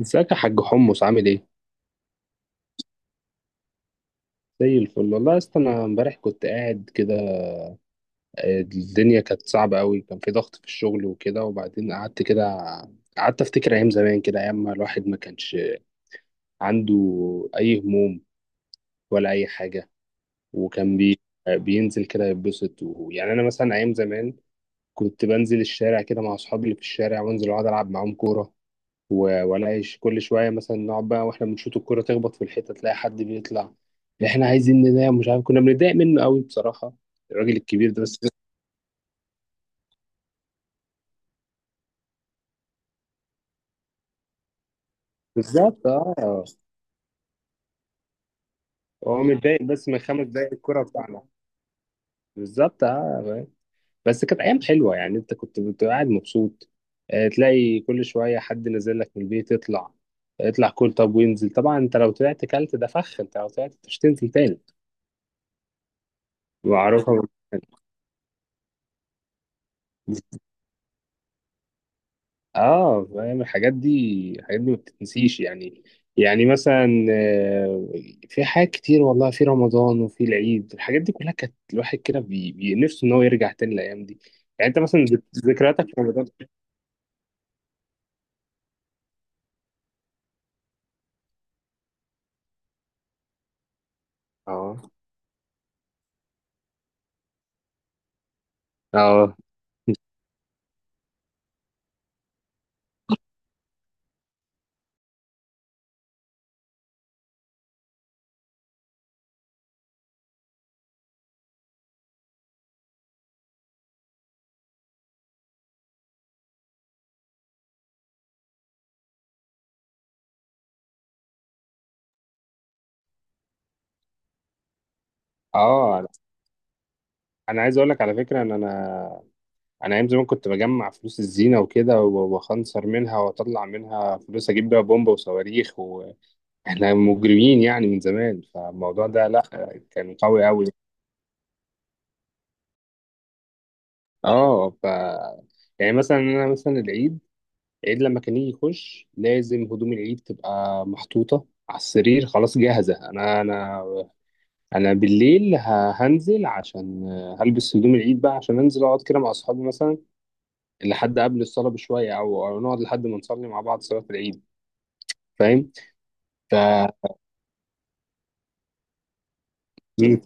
ازيك يا حاج حمص عامل ايه؟ زي الفل والله يا اسطى. انا امبارح كنت قاعد كده، الدنيا كانت صعبة قوي، كان في ضغط في الشغل وكده. وبعدين قعدت كده، قعدت افتكر ايام زمان كده، ايام ما الواحد ما كانش عنده اي هموم ولا اي حاجة. وكان بي... بينزل كده يتبسط. ويعني انا مثلا ايام زمان كنت بنزل الشارع كده مع اصحابي اللي في الشارع، وانزل اقعد العب معاهم كورة، والاقي كل شويه مثلا نقعد بقى، واحنا بنشوط الكوره تخبط في الحيطه، تلاقي حد بيطلع: احنا عايزين ننام، مش عارف. كنا بنتضايق منه قوي بصراحه، الراجل الكبير ده. بس بالظبط اه، هو متضايق بس من خمس دقايق، الكوره بتاعنا. بالظبط اه، فاهم؟ بس كانت ايام حلوه يعني، انت كنت بتبقى قاعد مبسوط. تلاقي كل شويه حد نازل لك من البيت: اطلع اطلع. كل طب وينزل؟ طبعا انت لو طلعت كلت ده فخ، انت لو طلعت مش تنزل تاني. معروفه. اه فاهم، الحاجات دي الحاجات دي ما بتتنسيش يعني. يعني مثلا، في حاجات كتير والله، في رمضان وفي العيد، الحاجات دي كلها كانت الواحد كده نفسه ان هو يرجع تاني الايام دي. يعني انت مثلا ذكرياتك في رمضان؟ اه اه اه، انا عايز اقول لك على فكره ان انا ايام زمان كنت بجمع فلوس الزينه وكده، واخنصر منها واطلع منها فلوس اجيب بيها بومبا وصواريخ. واحنا مجرمين يعني من زمان، فالموضوع ده لا، كان قوي قوي. اه، ف يعني مثلا انا مثلا العيد، العيد لما كان يجي يخش لازم هدوم العيد تبقى محطوطه على السرير خلاص جاهزه. انا بالليل هنزل عشان هلبس هدوم العيد بقى، عشان انزل اقعد كده مع اصحابي مثلا، لحد قبل الصلاه بشويه، او أو نقعد لحد ما نصلي مع بعض صلاه العيد. فاهم؟ ف مم،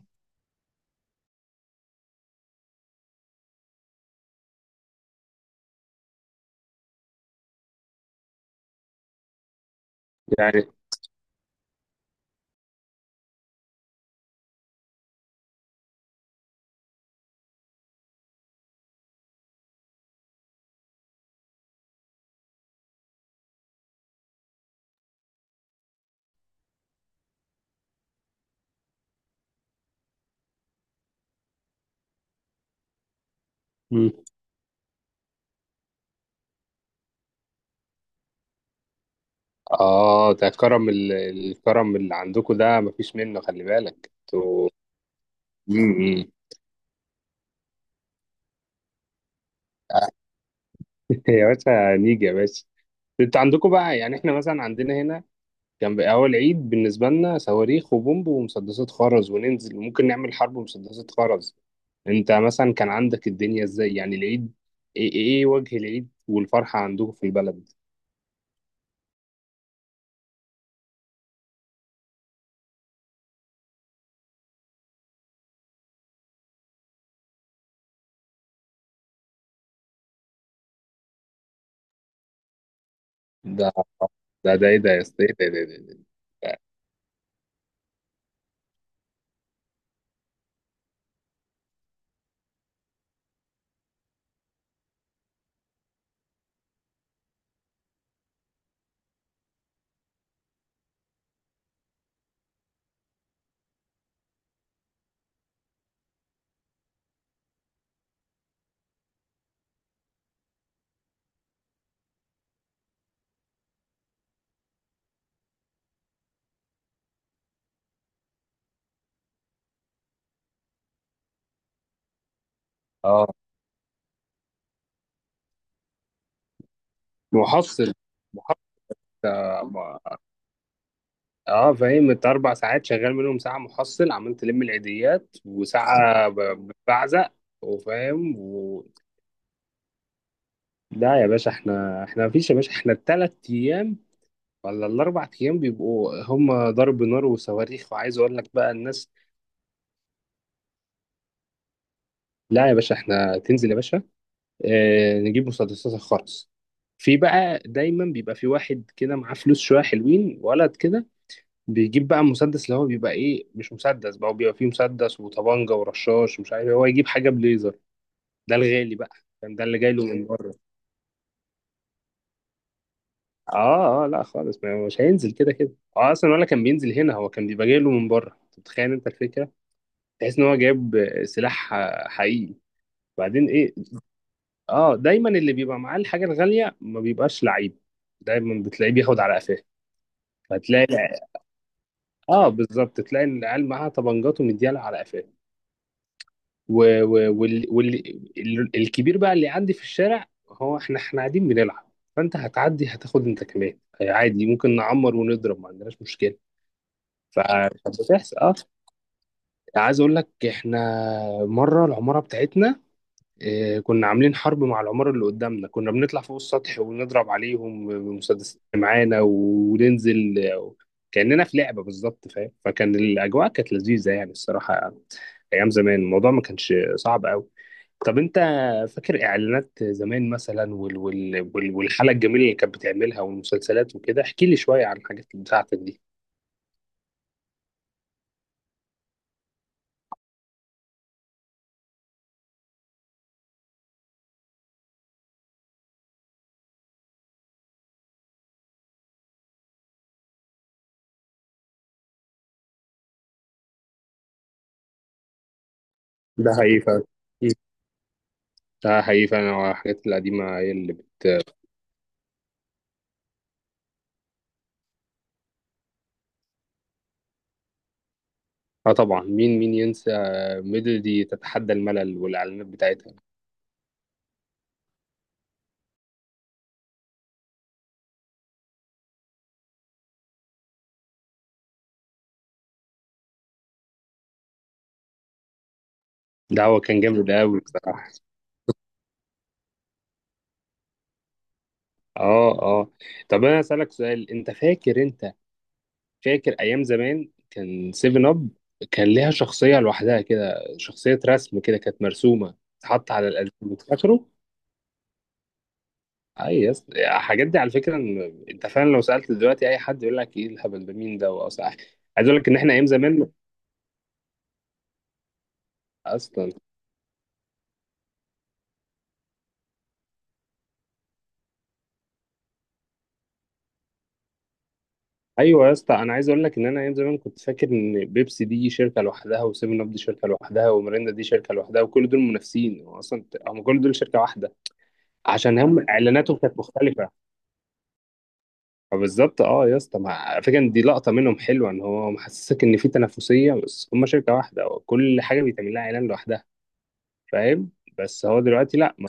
يعني مم. اه، ده كرم الكرم اللي عندكم ده مفيش منه، خلي بالك انتوا. مم. مم. يا باشا نيجي يا باشا. انت عندكم بقى، يعني احنا مثلا عندنا هنا كان بقى اول عيد بالنسبه لنا صواريخ وبومب ومسدسات خرز، وننزل ممكن نعمل حرب ومسدسات خرز. انت مثلا كان عندك الدنيا ازاي يعني العيد؟ ايه, ايه إيه وجه العيد والفرحه عندكم في البلد؟ ده ده ده ايه ده يا اسطى، ايه ده ده ده ده. اه، محصل محصل اه. اه، فاهم انت اربع ساعات شغال منهم ساعه محصل عمال تلم العيديات، وساعه بعزق وفاهم. لا يا باشا احنا، مفيش يا باشا. احنا الثلاث ايام ولا الاربع ايام بيبقوا هم ضرب نار وصواريخ. وعايز اقول لك بقى الناس، لا يا باشا احنا، تنزل يا باشا، اه نجيب مسدسات الخرز. في بقى دايما بيبقى في واحد كده معاه فلوس شويه، حلوين، ولد كده، بيجيب بقى مسدس، اللي هو بيبقى ايه، مش مسدس بقى، بيبقى فيه مسدس وطبانجه ورشاش ومش عارف إيه. هو يجيب حاجه بليزر، ده الغالي بقى. فاهم؟ ده اللي جاي له من بره. اه اه، لا خالص، مش هينزل كده كده. اه اصلا ولا كان بينزل هنا، هو كان بيبقى جاي له من بره. انت متخيل انت الفكره، تحس ان هو جايب سلاح حقيقي؟ بعدين ايه، اه دايما اللي بيبقى معاه الحاجه الغاليه ما بيبقاش لعيب، دايما بتلاقيه بياخد على قفاه. فتلاقي، اه بالظبط، تلاقي إن العيال معاها طبنجات ومديالها على قفاه. و... و... وال... وال... الكبير بقى اللي عندي في الشارع، هو احنا، قاعدين بنلعب، فانت هتعدي هتاخد انت كمان عادي، ممكن نعمر ونضرب، ما عندناش مشكله. فكانت بتحصل اه. عايز اقول لك، احنا مره العماره بتاعتنا، كنا عاملين حرب مع العماره اللي قدامنا. كنا بنطلع فوق السطح ونضرب عليهم بمسدسات اللي معانا وننزل، كاننا في لعبه بالظبط. فاهم، فكان الاجواء كانت لذيذه يعني الصراحه. ايام زمان الموضوع ما كانش صعب قوي. طب انت فاكر اعلانات زمان مثلا، وال والحلقه الجميله اللي كانت بتعملها والمسلسلات وكده، احكي لي شويه عن الحاجات بتاعتك دي. ده حقيقي فعلا. ده حقيقي فعلا، هو الحاجات القديمة هي اللي بت… اه طبعا، مين مين ينسى ميلودي تتحدى الملل والإعلانات بتاعتها؟ ده هو كان جامد أوي بصراحة. اه اه. طب أنا أسألك سؤال، أنت فاكر، أنت فاكر أيام زمان كان سيفن أب كان ليها شخصية لوحدها كده، شخصية رسم كده، كانت مرسومة تتحط على الألبوم، فاكره؟ أي يس. الحاجات دي على فكرة أنت فعلا لو سألت دلوقتي أي حد يقول لك إيه الهبل ده، مين ده وأصلا. عايز أقول لك إن إحنا أيام زمان أصلا. ايوه يا اسطى، انا عايز اقول لك ان انا ايام زمان كنت فاكر ان بيبسي دي شركه لوحدها، وسيفن اب دي شركه لوحدها، وميريندا دي شركه لوحدها، وكل دول منافسين. هو اصلا هم كل دول شركه واحده، عشان هم اعلاناتهم كانت مختلفه. فبالظبط اه يا اسطى، ما على فكره إن دي لقطه منهم حلوه، ان هو محسسك ان في تنافسيه بس هم شركه واحده، وكل حاجه بيتعمل لها اعلان لوحدها. فاهم؟ بس هو دلوقتي لا،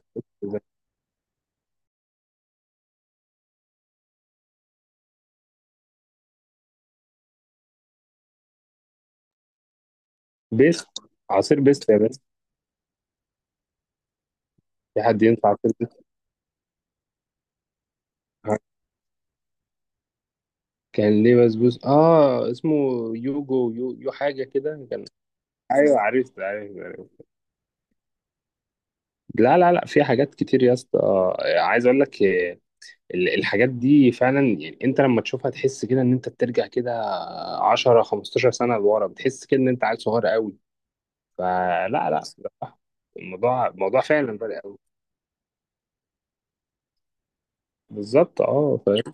بيست، عصير بيست، يا بيست. في حد ينفع عصير بيست. كان ليه بسبوس اه. اسمه يوجو، يو حاجه كده كان. ايوه عرفت عرفت عرفت. لا لا لا، في حاجات كتير يا اسطى، عايز اقول لك، الحاجات دي فعلا، يعني انت لما تشوفها تحس كده ان انت بترجع كده 10 15 سنه لورا، بتحس كده ان انت عيل صغير قوي. فلا لا لا، الموضوع الموضوع فعلا فرق قوي. بالظبط اه فاهم.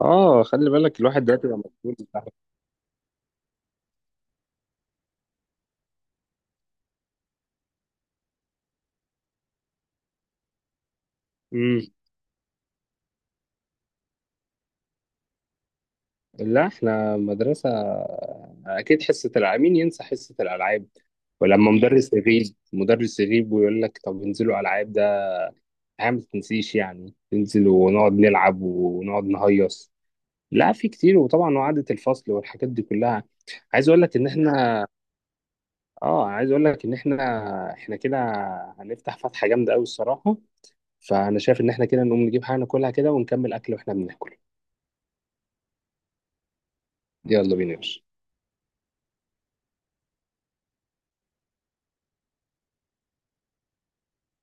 اه خلي بالك الواحد دلوقتي بقى مسؤول. امم. لا احنا مدرسه، اكيد حصه العاب، مين ينسى حصه الالعاب؟ ولما مدرس يغيب، مدرس يغيب ويقول لك طب انزلوا العاب، الحياة ما تتنسيش يعني. ننزل ونقعد نلعب ونقعد نهيص. لا في كتير، وطبعا وعدة الفصل والحاجات دي كلها. عايز اقول لك ان احنا اه عايز اقول لك ان احنا كده هنفتح فتحة جامدة قوي الصراحة. فانا شايف ان احنا كده نقوم نجيب حاجة ناكلها كده، ونكمل اكل واحنا بناكل. يلا بينا يا باشا.